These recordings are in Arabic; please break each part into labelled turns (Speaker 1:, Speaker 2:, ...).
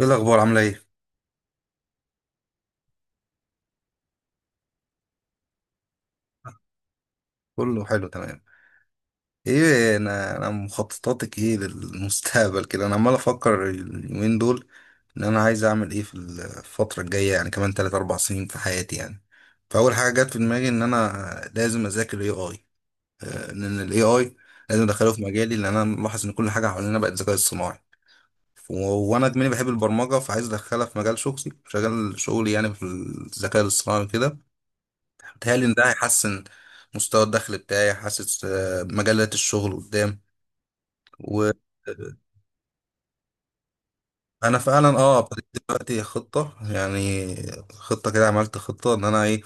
Speaker 1: ايه الاخبار عامله ايه؟ كله حلو تمام. ايه، انا مخططاتك ايه للمستقبل كده؟ انا عمال افكر اليومين دول ان انا عايز اعمل ايه في الفتره الجايه، يعني كمان 3 4 سنين في حياتي يعني. فاول حاجه جت في دماغي ان انا لازم اذاكر الاي اي، لان الاي اي لازم ادخله في مجالي، لان انا ملاحظ ان كل حاجه حوالينا بقت ذكاء اصطناعي. وانا دماغي بحب البرمجه، فعايز ادخلها في مجال شخصي، شغال شغلي يعني في الذكاء الاصطناعي كده. بيتهيألي إن ده هيحسن مستوى الدخل بتاعي، حاسس آه، مجالات الشغل قدام. وأنا فعلا أه ابتديت دلوقتي خطة، يعني خطة كده، عملت خطة إن أنا إيه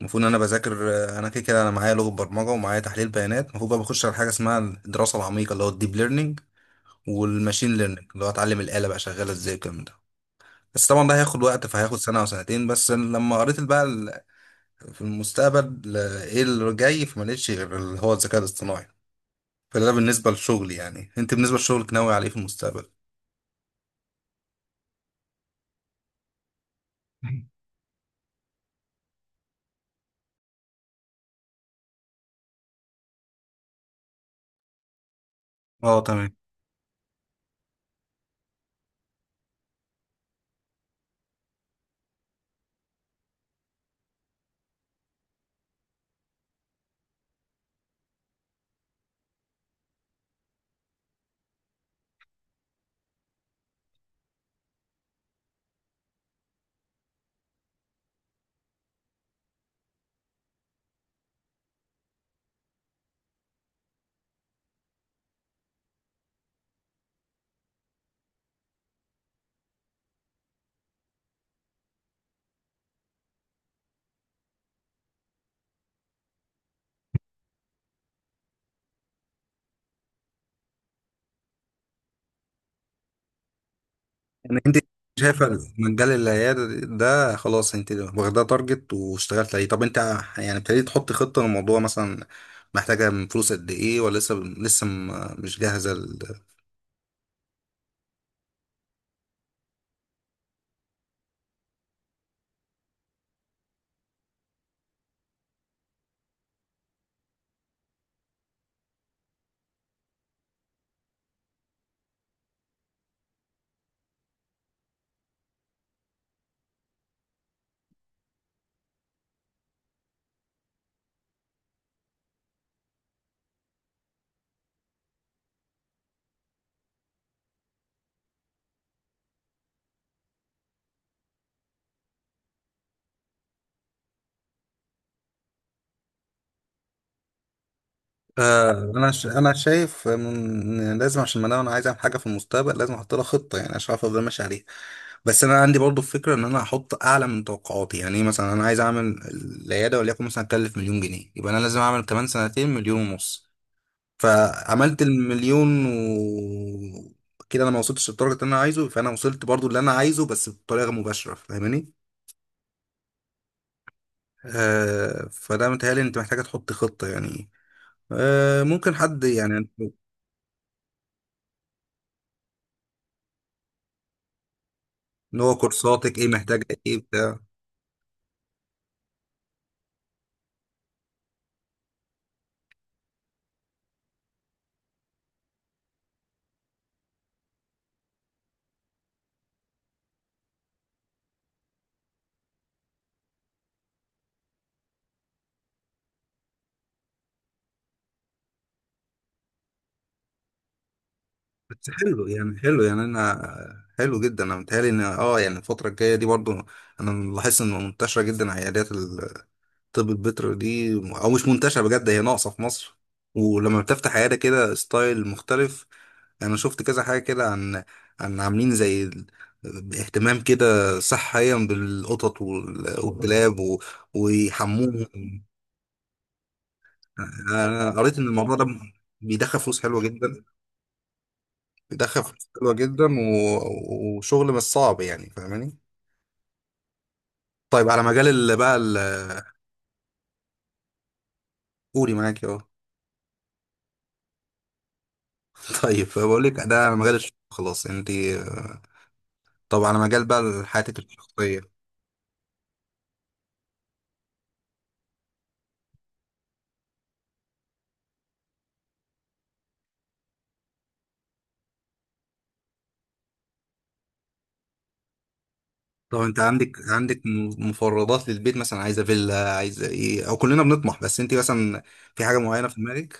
Speaker 1: المفروض إن أنا بذاكر. آه، أنا كده كده أنا معايا لغة برمجة ومعايا تحليل بيانات، المفروض بقى بخش على حاجة اسمها الدراسة العميقة اللي هو الديب ليرنينج والماشين ليرنينج اللي هو أتعلم الآلة بقى شغالة إزاي والكلام ده. بس طبعا ده هياخد وقت، فهياخد سنة أو سنتين. بس لما قريت بقى في المستقبل آه، إيه اللي جاي، فما لقيتش غير اللي هو الذكاء الاصطناعي. فده بالنسبة لشغلي. يعني انت بالنسبة لشغلك ناوي عليه في المستقبل؟ اه تمام. يعني انت شايفة مجال العيادة ده خلاص انت واخداه تارجت واشتغلت عليه. طب انت يعني ابتديت تحط خطة للموضوع مثلا، محتاجة من فلوس قد ايه؟ ولا لسه مش جاهزة؟ آه، انا شايف إن لازم، عشان ما انا عايز اعمل حاجه في المستقبل لازم احط لها خطه، يعني عشان اعرف افضل ماشي عليها. بس انا عندي برضو فكره ان انا احط اعلى من توقعاتي، يعني إيه، مثلا انا عايز اعمل العياده وليكن مثلا اكلف مليون جنيه، يبقى انا لازم اعمل كمان سنتين مليون ونص. فعملت المليون و كده انا ما وصلتش للدرجه اللي انا عايزه، فانا وصلت برضو اللي انا عايزه بس بطريقه مباشره، فاهماني؟ آه، فده متهيألي انت محتاجه تحط خطه يعني. آه، ممكن حد يعني اللي هو كورساتك ايه، محتاجه ايه، بتاع. بس حلو يعني، حلو يعني، انا حلو جدا. انا متهيألي ان اه يعني الفتره الجايه دي برضو، انا لاحظت ان منتشره جدا عيادات الطب البيطري دي، او مش منتشره بجد، هي ناقصه في مصر. ولما بتفتح عياده كده ستايل مختلف، انا شفت كذا حاجه كده عن عن عاملين زي اهتمام كده صحيا بالقطط والكلاب ويحموهم. انا قريت ان الموضوع ده بيدخل فلوس حلوه جدا، بيدخل فلوس حلوه جدا وشغل مش صعب يعني، فاهماني؟ طيب على مجال اللي بقى ال- قولي معاكي اهو. طيب بقول لك، ده على مجال الشغل خلاص انت. طب على مجال بقى حياتك الشخصيه. طب انت عندك مفردات للبيت مثلا؟ عايزه فيلا، عايزه ايه؟ او كلنا بنطمح، بس انت مثلا في حاجه معينه في دماغك؟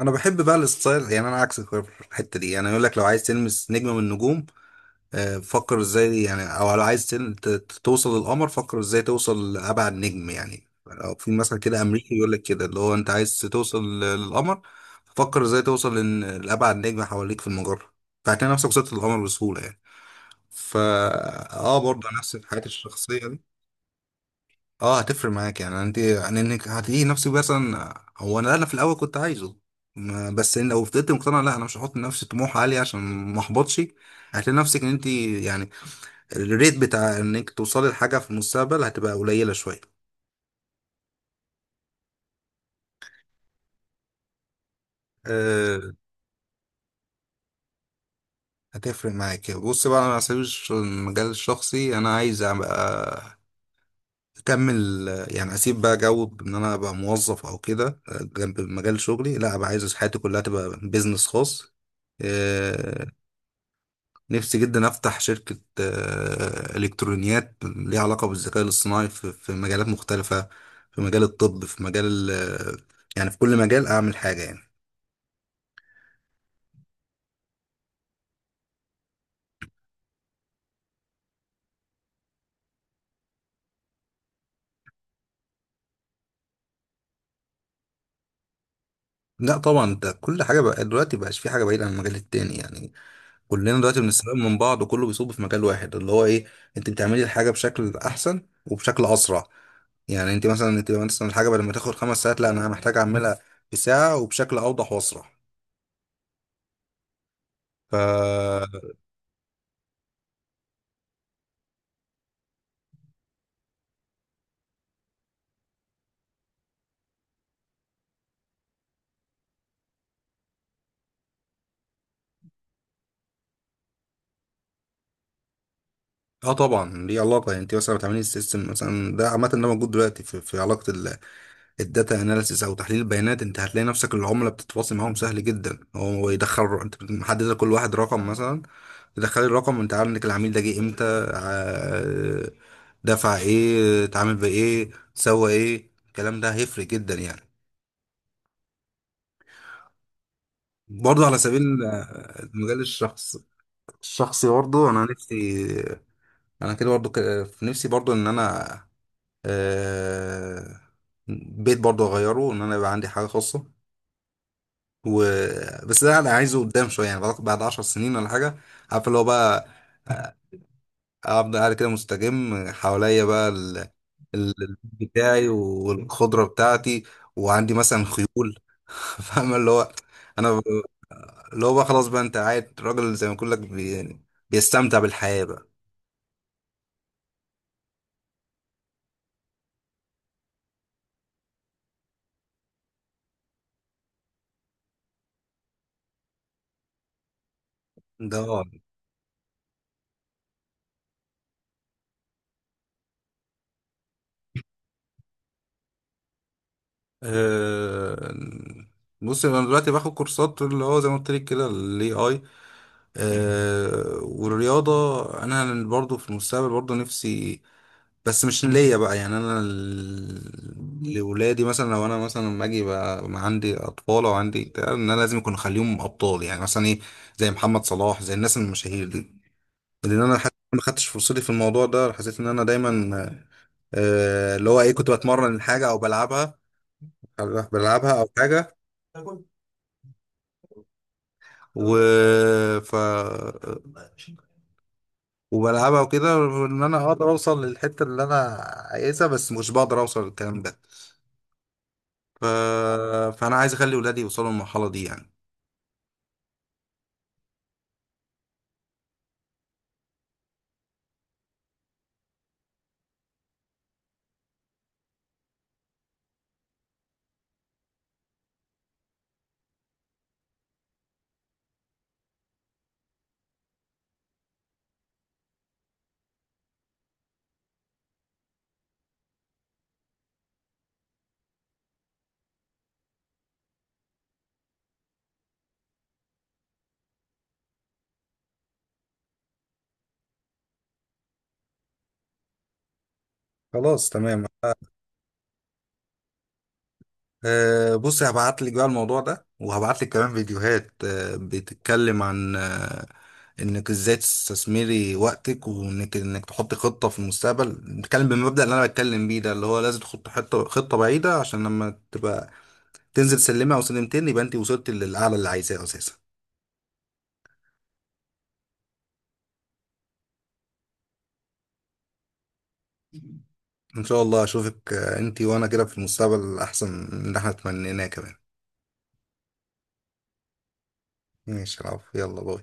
Speaker 1: انا بحب بقى الستايل، يعني انا عكسك في الحته دي. يعني يقول لك لو عايز تلمس نجمه من النجوم، آه، فكر ازاي يعني، او لو عايز توصل للقمر، فكر ازاي توصل لابعد نجم. يعني لو في مثلا كده امريكي يقول لك كده اللي هو انت عايز توصل للقمر، فكر ازاي توصل لابعد نجم حواليك في المجره، فهتلاقي نفسك وصلت للقمر بسهوله يعني. فا اه برضه نفس الحاجات الشخصيه دي. اه هتفرق معاك يعني، انت يعني انك هتلاقي نفسك مثلا. هو انا في الاول كنت عايزه بس إن لو فضلت مقتنع لا انا مش هحط لنفسي طموح عالي عشان ما احبطش، هتلاقي نفسك ان انت يعني الريت بتاع انك توصلي لحاجة في المستقبل هتبقى قليلة شوية. أه، هتفرق معاك. بص بقى، انا هسيب المجال الشخصي، انا عايز ابقى اكمل. يعني اسيب بقى جو ان انا ابقى موظف او كده آه، جنب مجال شغلي، لا ابقى عايز حياتي كلها تبقى بيزنس خاص. آه، نفسي جدا افتح شركة آه، الكترونيات ليها علاقة بالذكاء الاصطناعي في في مجالات مختلفة، في مجال الطب، في مجال ال- يعني في كل مجال اعمل حاجة يعني. لا طبعا، انت كل حاجه بقى دلوقتي بقاش في حاجه بعيده عن المجال التاني يعني. كلنا دلوقتي بنستفاد من بعض، وكله بيصب في مجال واحد اللي هو ايه، انت بتعملي الحاجه بشكل احسن وبشكل اسرع. يعني انت مثلا الحاجه بدل ما تاخد خمس ساعات، لا انا محتاج اعملها في ساعه وبشكل اوضح واسرع. ف اه طبعا ليه علاقه. يعني انت مثلا بتعملي السيستم مثلا ده، عامه ده موجود دلوقتي في علاقه ال- الداتا اناليسيس او تحليل البيانات، انت هتلاقي نفسك العملاء بتتواصل معاهم سهل جدا، هو يدخل انت محدد لكل واحد رقم مثلا، تدخلي الرقم وانت عارف انك العميل ده جه امتى، ع- دفع ايه، اتعامل بايه، سوى ايه، الكلام ده هيفرق جدا يعني. برضه على سبيل المجال الشخصي، برضه انا نفسي، انا كده برضه في نفسي برضه ان انا آه، بيت برضه اغيره، ان انا يبقى عندي حاجه خاصه. و بس ده انا عايزه قدام شويه، يعني بعد 10 سنين ولا حاجه، عارف اللي هو بقى آه، افضل قاعد كده مستجم حواليا بقى البيت بتاعي والخضرة بتاعتي، وعندي مثلا خيول. فاهم اللي هو، انا ب- اللي هو بقى خلاص بقى، انت قاعد راجل زي ما بقول لك يعني بيستمتع بالحياة بقى. ده اه آه، بص انا دلوقتي باخد كورسات اللي هو زي ما قلت لك كده، الاي اي والرياضة. انا برضو في المستقبل برضو نفسي، بس مش ليا بقى يعني، انا ال- لولادي مثلا، لو انا مثلا لما اجي بقى ما عندي اطفال او عندي بتاع، ان انا لازم يكون اخليهم ابطال يعني، مثلا ايه، زي محمد صلاح زي الناس المشاهير دي. لان انا حتى ما خدتش فرصتي في الموضوع ده، حسيت ان انا دايما آه، اللي هو ايه، كنت بتمرن حاجه او بلعبها، بلعبها او حاجه و ف وبلعبها وكده، ان انا اقدر اوصل للحته اللي انا عايزها، بس مش بقدر اوصل للكلام ده ف... فانا عايز اخلي ولادي يوصلوا للمرحله دي يعني. خلاص تمام. أه بص، هبعت لك بقى الموضوع ده، وهبعت لك كمان فيديوهات أه بتتكلم عن أه انك ازاي تستثمري وقتك، وانك تحطي خطه في المستقبل. نتكلم بالمبدأ اللي انا بتكلم بيه ده، اللي هو لازم تحط حته خطه بعيده، عشان لما تبقى تنزل سلمه او سلمتين يبقى انت وصلت للاعلى اللي عايزاه اساسا. ان شاء الله اشوفك آه، انت وانا كده في المستقبل احسن من اللي احنا تمنيناه كمان. ماشي، العفو، يلا باي.